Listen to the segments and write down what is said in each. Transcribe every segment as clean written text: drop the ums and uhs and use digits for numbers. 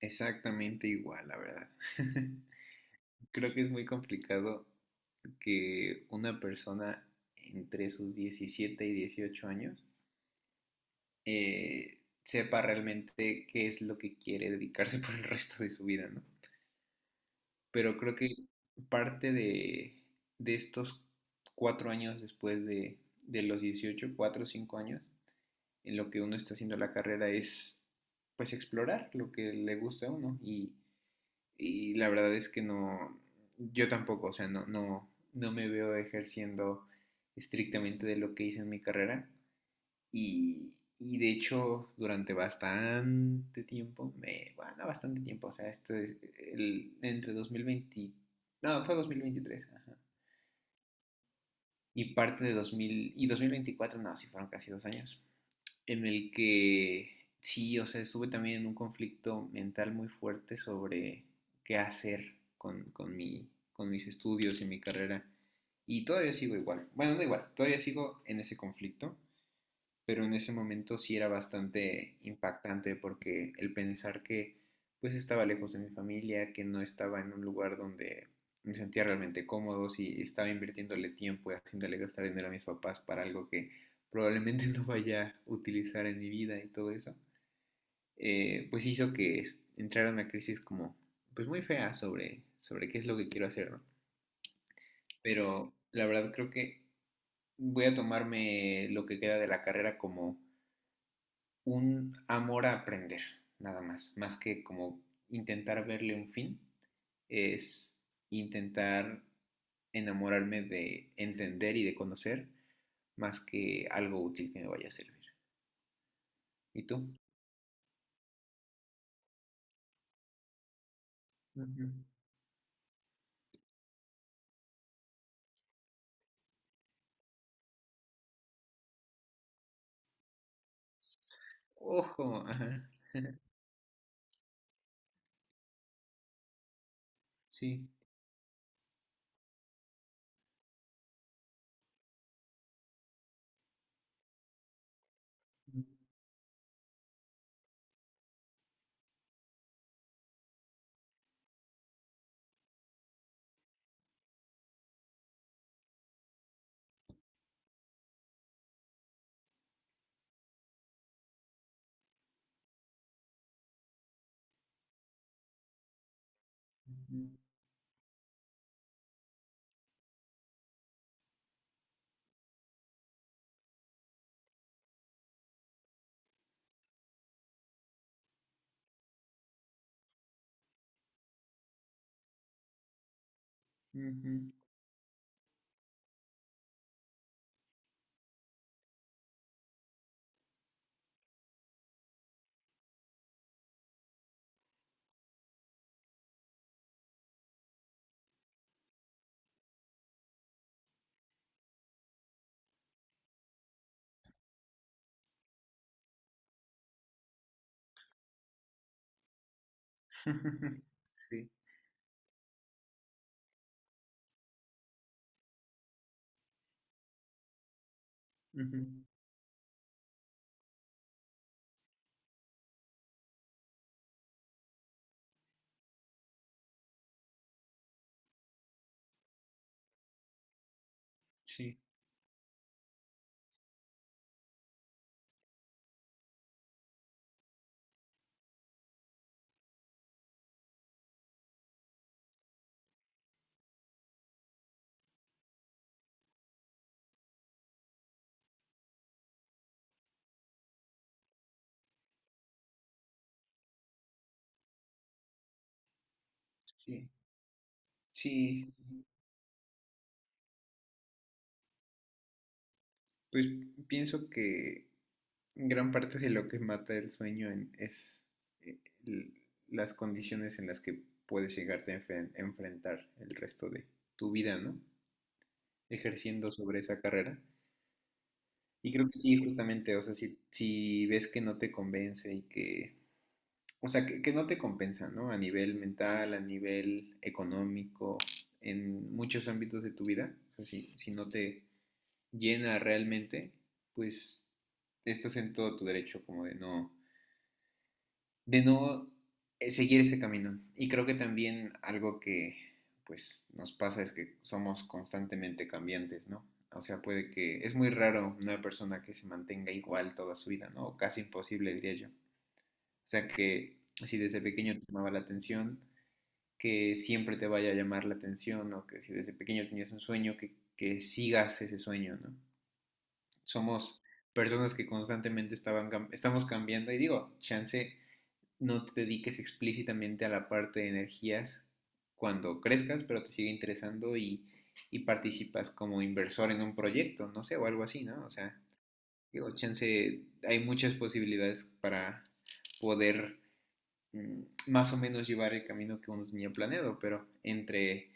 Exactamente igual, la verdad. Creo que es muy complicado que una persona entre sus 17 y 18 años sepa realmente qué es lo que quiere dedicarse por el resto de su vida, ¿no? Pero creo que parte de estos 4 años después de los 18, 4 o 5 años, en lo que uno está haciendo la carrera es pues explorar lo que le gusta a uno y la verdad es que no, yo tampoco, o sea, no, no, no me veo ejerciendo estrictamente de lo que hice en mi carrera. Y, y de hecho, durante bastante tiempo, bueno, bastante tiempo, o sea, esto es entre 2020, no, fue 2023, ajá. Y parte de 2000 y 2024, no, sí fueron casi 2 años en el que sí, o sea, estuve también en un conflicto mental muy fuerte sobre qué hacer con mis estudios y mi carrera. Y todavía sigo igual. Bueno, no igual, todavía sigo en ese conflicto, pero en ese momento sí era bastante impactante porque el pensar que pues estaba lejos de mi familia, que no estaba en un lugar donde me sentía realmente cómodo, si estaba invirtiéndole tiempo y haciéndole gastar dinero a mis papás para algo que probablemente no vaya a utilizar en mi vida y todo eso, pues hizo que entrara una crisis como pues muy fea sobre qué es lo que quiero hacer, ¿no? Pero la verdad creo que voy a tomarme lo que queda de la carrera como un amor a aprender, nada más, más que como intentar verle un fin, es intentar enamorarme de entender y de conocer más que algo útil que me vaya a servir. ¿Y tú? Ujú. Ojo, ajá, sí. Ujú, ujú. Sí, ujú, sí, sí, sí. Pues pienso que gran parte de lo que mata el sueño es eh, l- las condiciones en las que puedes llegarte a enfrentar el resto de tu vida, ¿no? Ejerciendo sobre esa carrera. Y creo que sí, justamente, o sea, si ves que no te convence y que, o sea, que no te compensa, ¿no? A nivel mental, a nivel económico, en muchos ámbitos de tu vida, o sea, si no te llena realmente, pues estás en todo tu derecho como de no de no seguir ese camino. Y creo que también algo que pues nos pasa es que somos constantemente cambiantes, ¿no? O sea, puede que es muy raro una persona que se mantenga igual toda su vida, ¿no? O casi imposible, diría yo. O sea, que si desde pequeño te llamaba la atención, que siempre te vaya a llamar la atención, o que si desde pequeño tenías un sueño, que sigas ese sueño, ¿no? Somos personas que constantemente estamos cambiando, y digo, chance no te dediques explícitamente a la parte de energías cuando crezcas, pero te sigue interesando y participas como inversor en un proyecto, no sé, o algo así, ¿no? O sea, digo, chance, hay muchas posibilidades para poder más o menos llevar el camino que uno tenía planeado, pero entre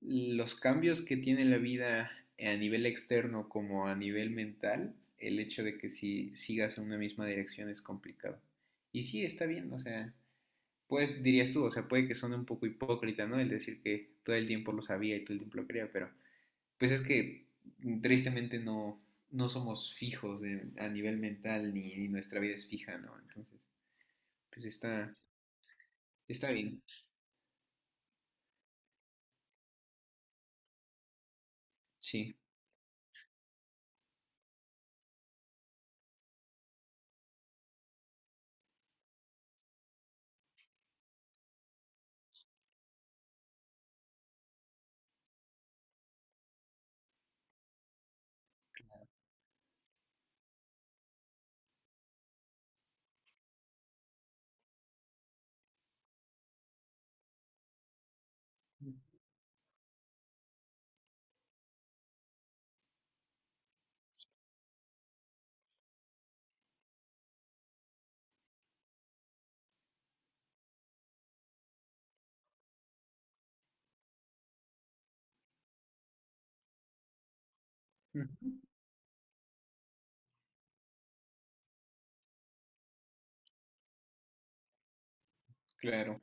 los cambios que tiene la vida a nivel externo como a nivel mental, el hecho de que si sigas en una misma dirección es complicado. Y sí, está bien, o sea, pues dirías tú, o sea, puede que suene un poco hipócrita, ¿no? El decir que todo el tiempo lo sabía y todo el tiempo lo quería, pero pues es que tristemente no somos fijos de, a nivel mental, ni, nuestra vida es fija, ¿no? Entonces, pues está bien, sí. Ujú. Claro,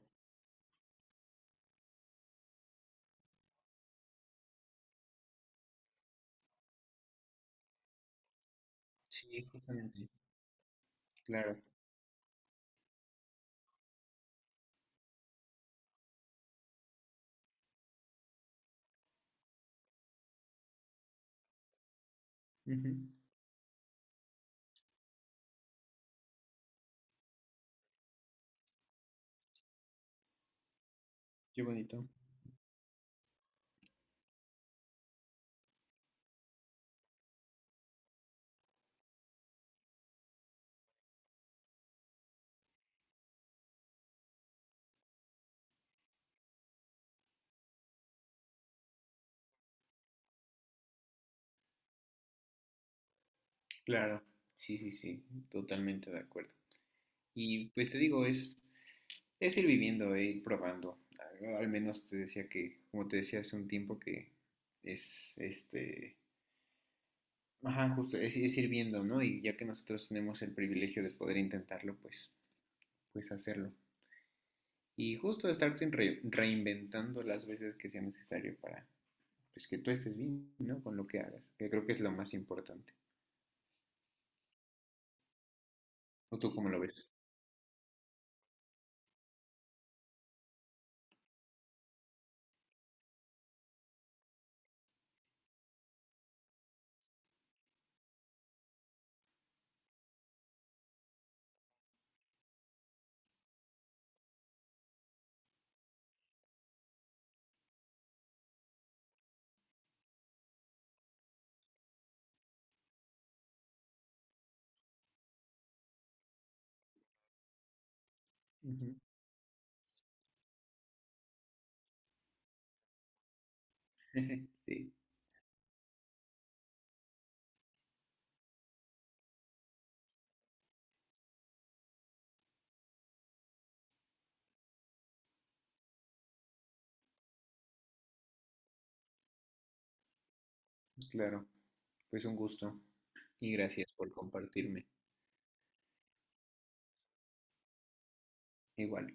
sí, justamente, claro. Ujú. Qué bonito. Claro, sí, sí, sí, totalmente de acuerdo. Y pues te digo, es ir viviendo e ir probando. Al menos te decía que, como te decía hace un tiempo, que es este. Ajá, justo, es ir viendo, ¿no? Y ya que nosotros tenemos el privilegio de poder intentarlo, pues hacerlo. Y justo estarte reinventando las veces que sea necesario para, pues, que tú estés bien, ¿no? Con lo que hagas, que creo que es lo más importante. ¿O tú cómo lo ves? Ujú. Sí, claro. Pues un gusto, y gracias por compartirme. Igual.